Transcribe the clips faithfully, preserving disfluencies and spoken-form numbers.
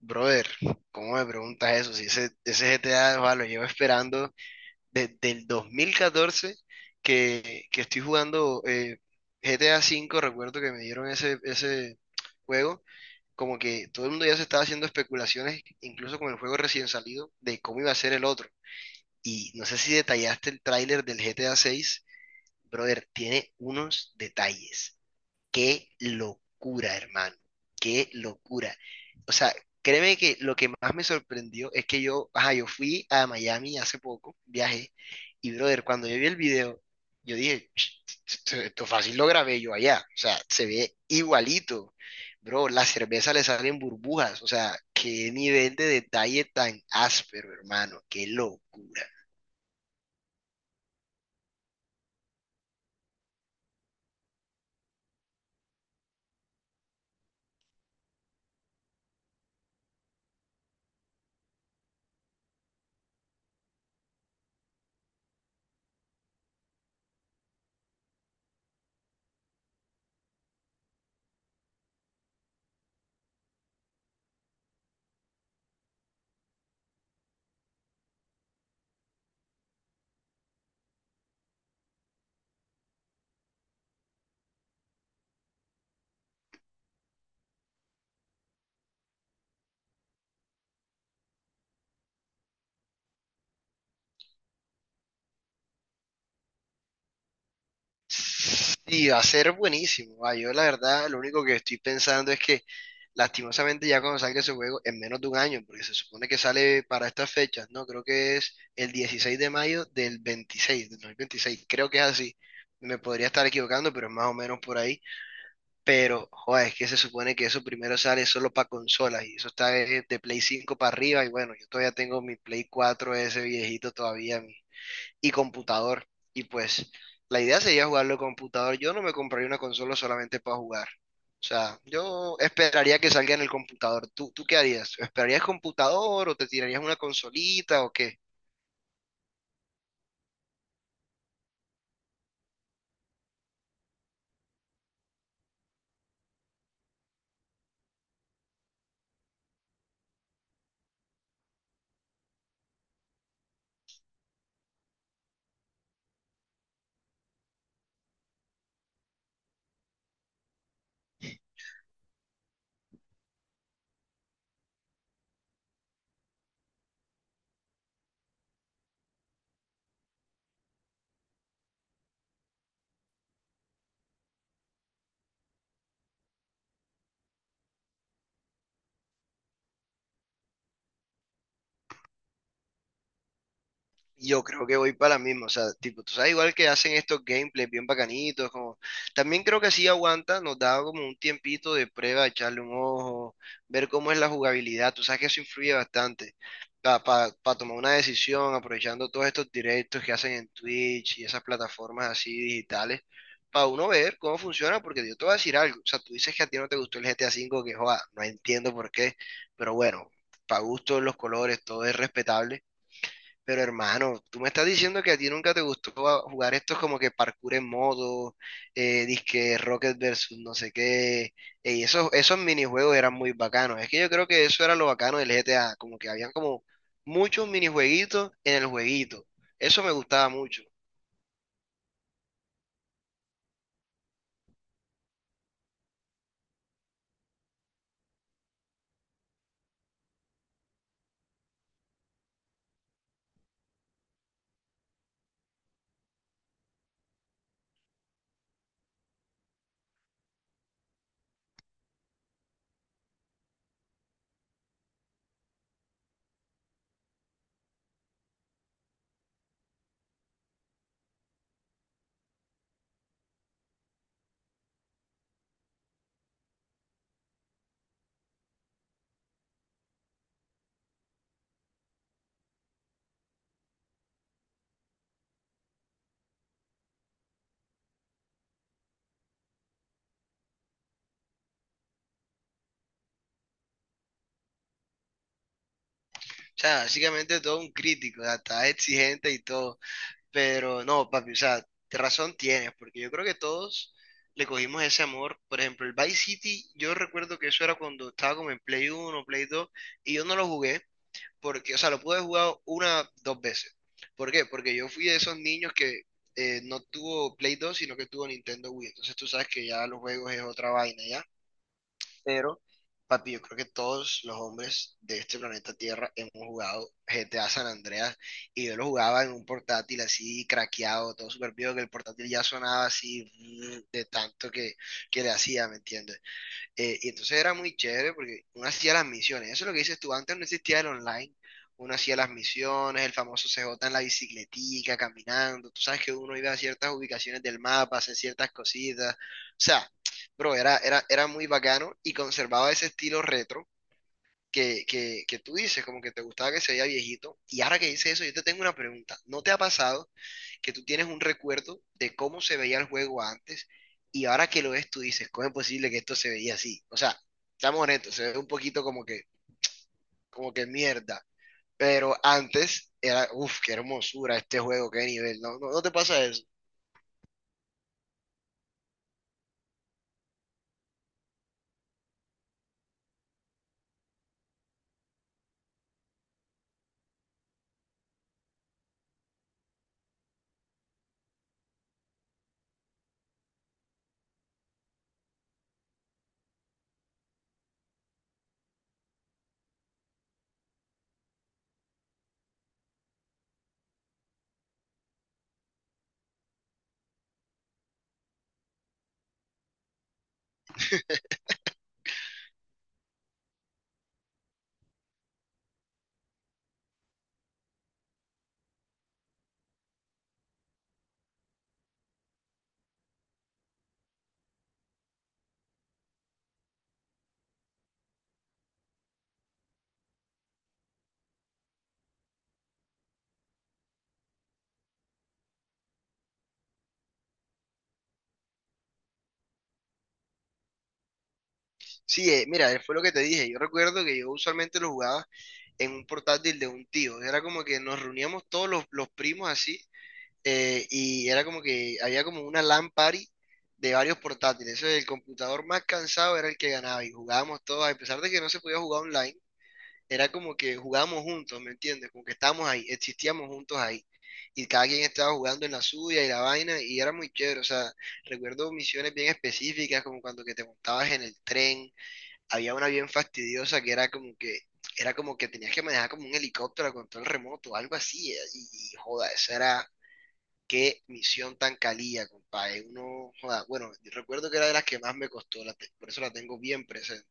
Brother, ¿cómo me preguntas eso? Si ese, ese G T A, va, lo llevo esperando desde el dos mil catorce que, que estoy jugando eh, G T A cinco, recuerdo que me dieron ese, ese juego, como que todo el mundo ya se estaba haciendo especulaciones, incluso con el juego recién salido, de cómo iba a ser el otro. Y no sé si detallaste el tráiler del G T A seis, brother, tiene unos detalles. Qué locura, hermano. Qué locura. O sea, créeme que lo que más me sorprendió es que yo, ajá, yo fui a Miami hace poco, viajé, y brother, cuando yo vi el video, yo dije, "Ch- esto esto fácil lo grabé yo allá. O sea, se ve igualito. Bro, la cerveza le salen burbujas. O sea, qué nivel de detalle tan áspero, hermano. Qué locura. Sí, va a ser buenísimo. Ah, yo la verdad, lo único que estoy pensando es que lastimosamente ya cuando salga ese juego, en menos de un año, porque se supone que sale para estas fechas, ¿no? Creo que es el dieciséis de mayo del veintiséis, del dos mil veintiséis, creo que es así. Me podría estar equivocando, pero es más o menos por ahí. Pero, joder, es que se supone que eso primero sale solo para consolas y eso está de, de Play cinco para arriba y bueno, yo todavía tengo mi Play cuatro ese viejito todavía, y computador. Y pues la idea sería jugarlo en computador. Yo no me compraría una consola solamente para jugar. O sea, yo esperaría que salga en el computador. ¿Tú, tú qué harías? ¿Esperarías computador o te tirarías una consolita o qué? Yo creo que voy para la misma, o sea, tipo, tú sabes, igual que hacen estos gameplays bien bacanitos, como, también creo que así aguanta, nos da como un tiempito de prueba, echarle un ojo, ver cómo es la jugabilidad, tú sabes que eso influye bastante para tomar una decisión, aprovechando todos estos directos que hacen en Twitch y esas plataformas así digitales, para uno ver cómo funciona, porque yo te voy a decir algo, o sea, tú dices que a ti no te gustó el G T A cinco, que joda, no entiendo por qué, pero bueno, para gusto los colores, todo es respetable pero hermano, tú me estás diciendo que a ti nunca te gustó a- jugar estos como que parkour en modo, eh, disque Rocket versus no sé qué. Y esos, esos minijuegos eran muy bacanos. Es que yo creo que eso era lo bacano del G T A, como que habían como muchos minijueguitos en el jueguito. Eso me gustaba mucho. O sea, básicamente todo un crítico, hasta exigente y todo. Pero no, papi, o sea, te razón tienes, porque yo creo que todos le cogimos ese amor. Por ejemplo, el Vice City, yo recuerdo que eso era cuando estaba como en Play Uno Play Dos y yo no lo jugué, porque, o sea, lo pude jugar una, dos veces. ¿Por qué? Porque yo fui de esos niños que eh, no tuvo Play Dos sino que tuvo Nintendo Wii. Entonces tú sabes que ya los juegos es otra vaina, pero papi, yo creo que todos los hombres de este planeta Tierra hemos jugado G T a San Andreas y yo lo jugaba en un portátil así craqueado, todo súper vivo, que el portátil ya sonaba así mm, de tanto que, que le hacía, ¿me entiendes? Eh, y entonces era muy chévere porque uno hacía las misiones. Eso es lo que dices tú. Antes no existía el online. Uno hacía las misiones, el famoso C J en la bicicletica, caminando. Tú sabes que uno iba a ciertas ubicaciones del mapa, hacía ciertas cositas. O sea, bro, era, era, era muy bacano y conservaba ese estilo retro que, que, que tú dices, como que te gustaba que se veía viejito. Y ahora que dices eso, yo te tengo una pregunta. ¿No te ha pasado que tú tienes un recuerdo de cómo se veía el juego antes y ahora que lo ves tú dices, cómo es posible que esto se veía así? O sea, estamos honestos, se ve un poquito como que, como que mierda, pero antes era, uff, qué hermosura este juego, qué nivel, ¿no? ¿No, no te pasa eso? Sí, eh, mira, eh, fue lo que te dije, yo recuerdo que yo usualmente lo jugaba en un portátil de un tío, era como que nos reuníamos todos los, los, primos así eh, y era como que había como una LAN party de varios portátiles. Eso, el computador más cansado era el que ganaba y jugábamos todos, a pesar de que no se podía jugar online, era como que jugábamos juntos, ¿me entiendes? Como que estábamos ahí, existíamos juntos ahí. Y cada quien estaba jugando en la suya y la vaina, y era muy chévere. O sea, recuerdo misiones bien específicas, como cuando que te montabas en el tren. Había una bien fastidiosa que era como que era como que tenías que manejar como un helicóptero a control remoto, algo así. Y, y, joda, eso era. Qué misión tan calía, compadre. Uno, joda, bueno, yo recuerdo que era de las que más me costó, la te- por eso la tengo bien presente.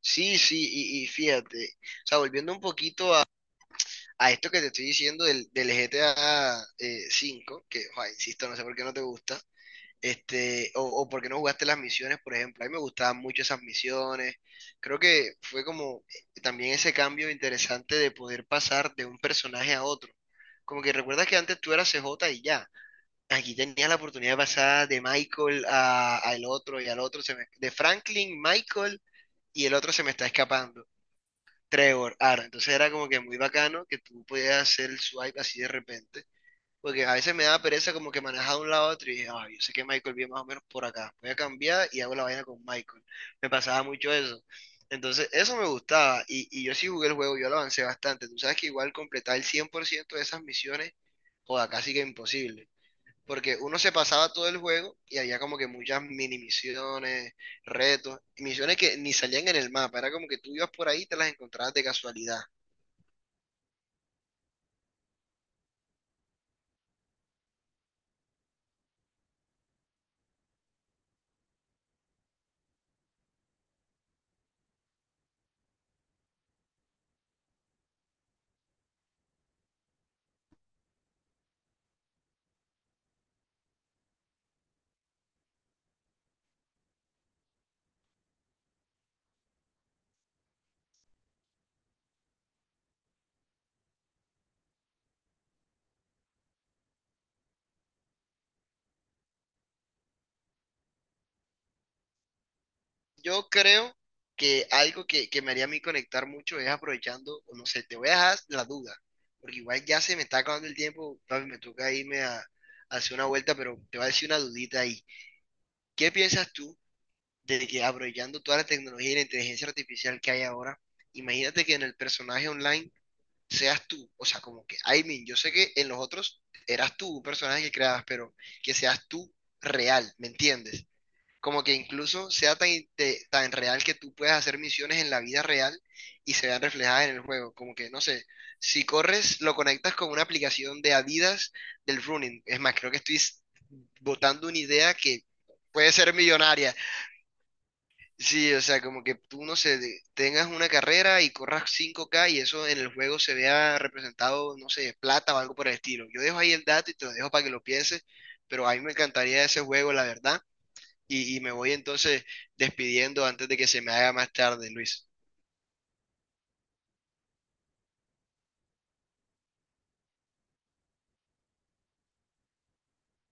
Sí, sí, y, y fíjate, o sea, volviendo un poquito a, a, esto que te estoy diciendo del, del G T A eh, cinco, que, joda, insisto, no sé por qué no te gusta, este, o, o por qué no jugaste las misiones, por ejemplo. A mí me gustaban mucho esas misiones. Creo que fue como eh, también ese cambio interesante de poder pasar de un personaje a otro. Como que recuerdas que antes tú eras C J y ya. Aquí tenía la oportunidad de pasar de Michael a, al otro y al otro, se me- de Franklin, Michael y el otro se me está escapando, Trevor, Aaron. Entonces era como que muy bacano que tú podías hacer el swipe así de repente, porque a veces me daba pereza como que manejaba de un lado a otro y dije, "Ah, yo sé que Michael viene más o menos por acá, voy a cambiar y hago la vaina con Michael. Me pasaba mucho eso. Entonces eso me gustaba y, y yo sí jugué el juego, yo lo avancé bastante. Tú sabes que igual completar el cien por ciento de esas misiones, joda, casi que imposible. Porque uno se pasaba todo el juego y había como que muchas mini misiones, retos, misiones que ni salían en el mapa. Era como que tú ibas por ahí y te las encontrabas de casualidad. Yo creo que algo que, que me haría a mí conectar mucho es aprovechando, o no sé, te voy a dejar la duda. Porque igual ya se me está acabando el tiempo, papi, me toca irme a, a hacer una vuelta, pero te voy a decir una dudita ahí. ¿Qué piensas tú de que aprovechando toda la tecnología y la inteligencia artificial que hay ahora, imagínate que en el personaje online seas tú, o sea, como que, I mean, yo sé que en los otros eras tú un personaje que creabas, pero que seas tú real, ¿me entiendes? Como que incluso sea tan, in- te- tan real que tú puedas hacer misiones en la vida real y se vean reflejadas en el juego. Como que, no sé, si corres, lo conectas con una aplicación de Adidas del running. Es más, creo que estoy s- botando una idea que puede ser millonaria. Sí, o sea, como que tú, no sé, de- tengas una carrera y corras cinco k y eso en el juego se vea representado, no sé, plata o algo por el estilo. Yo dejo ahí el dato y te lo dejo para que lo pienses, pero a mí me encantaría ese juego, la verdad, y, y, me voy entonces despidiendo antes de que se me haga más tarde, Luis.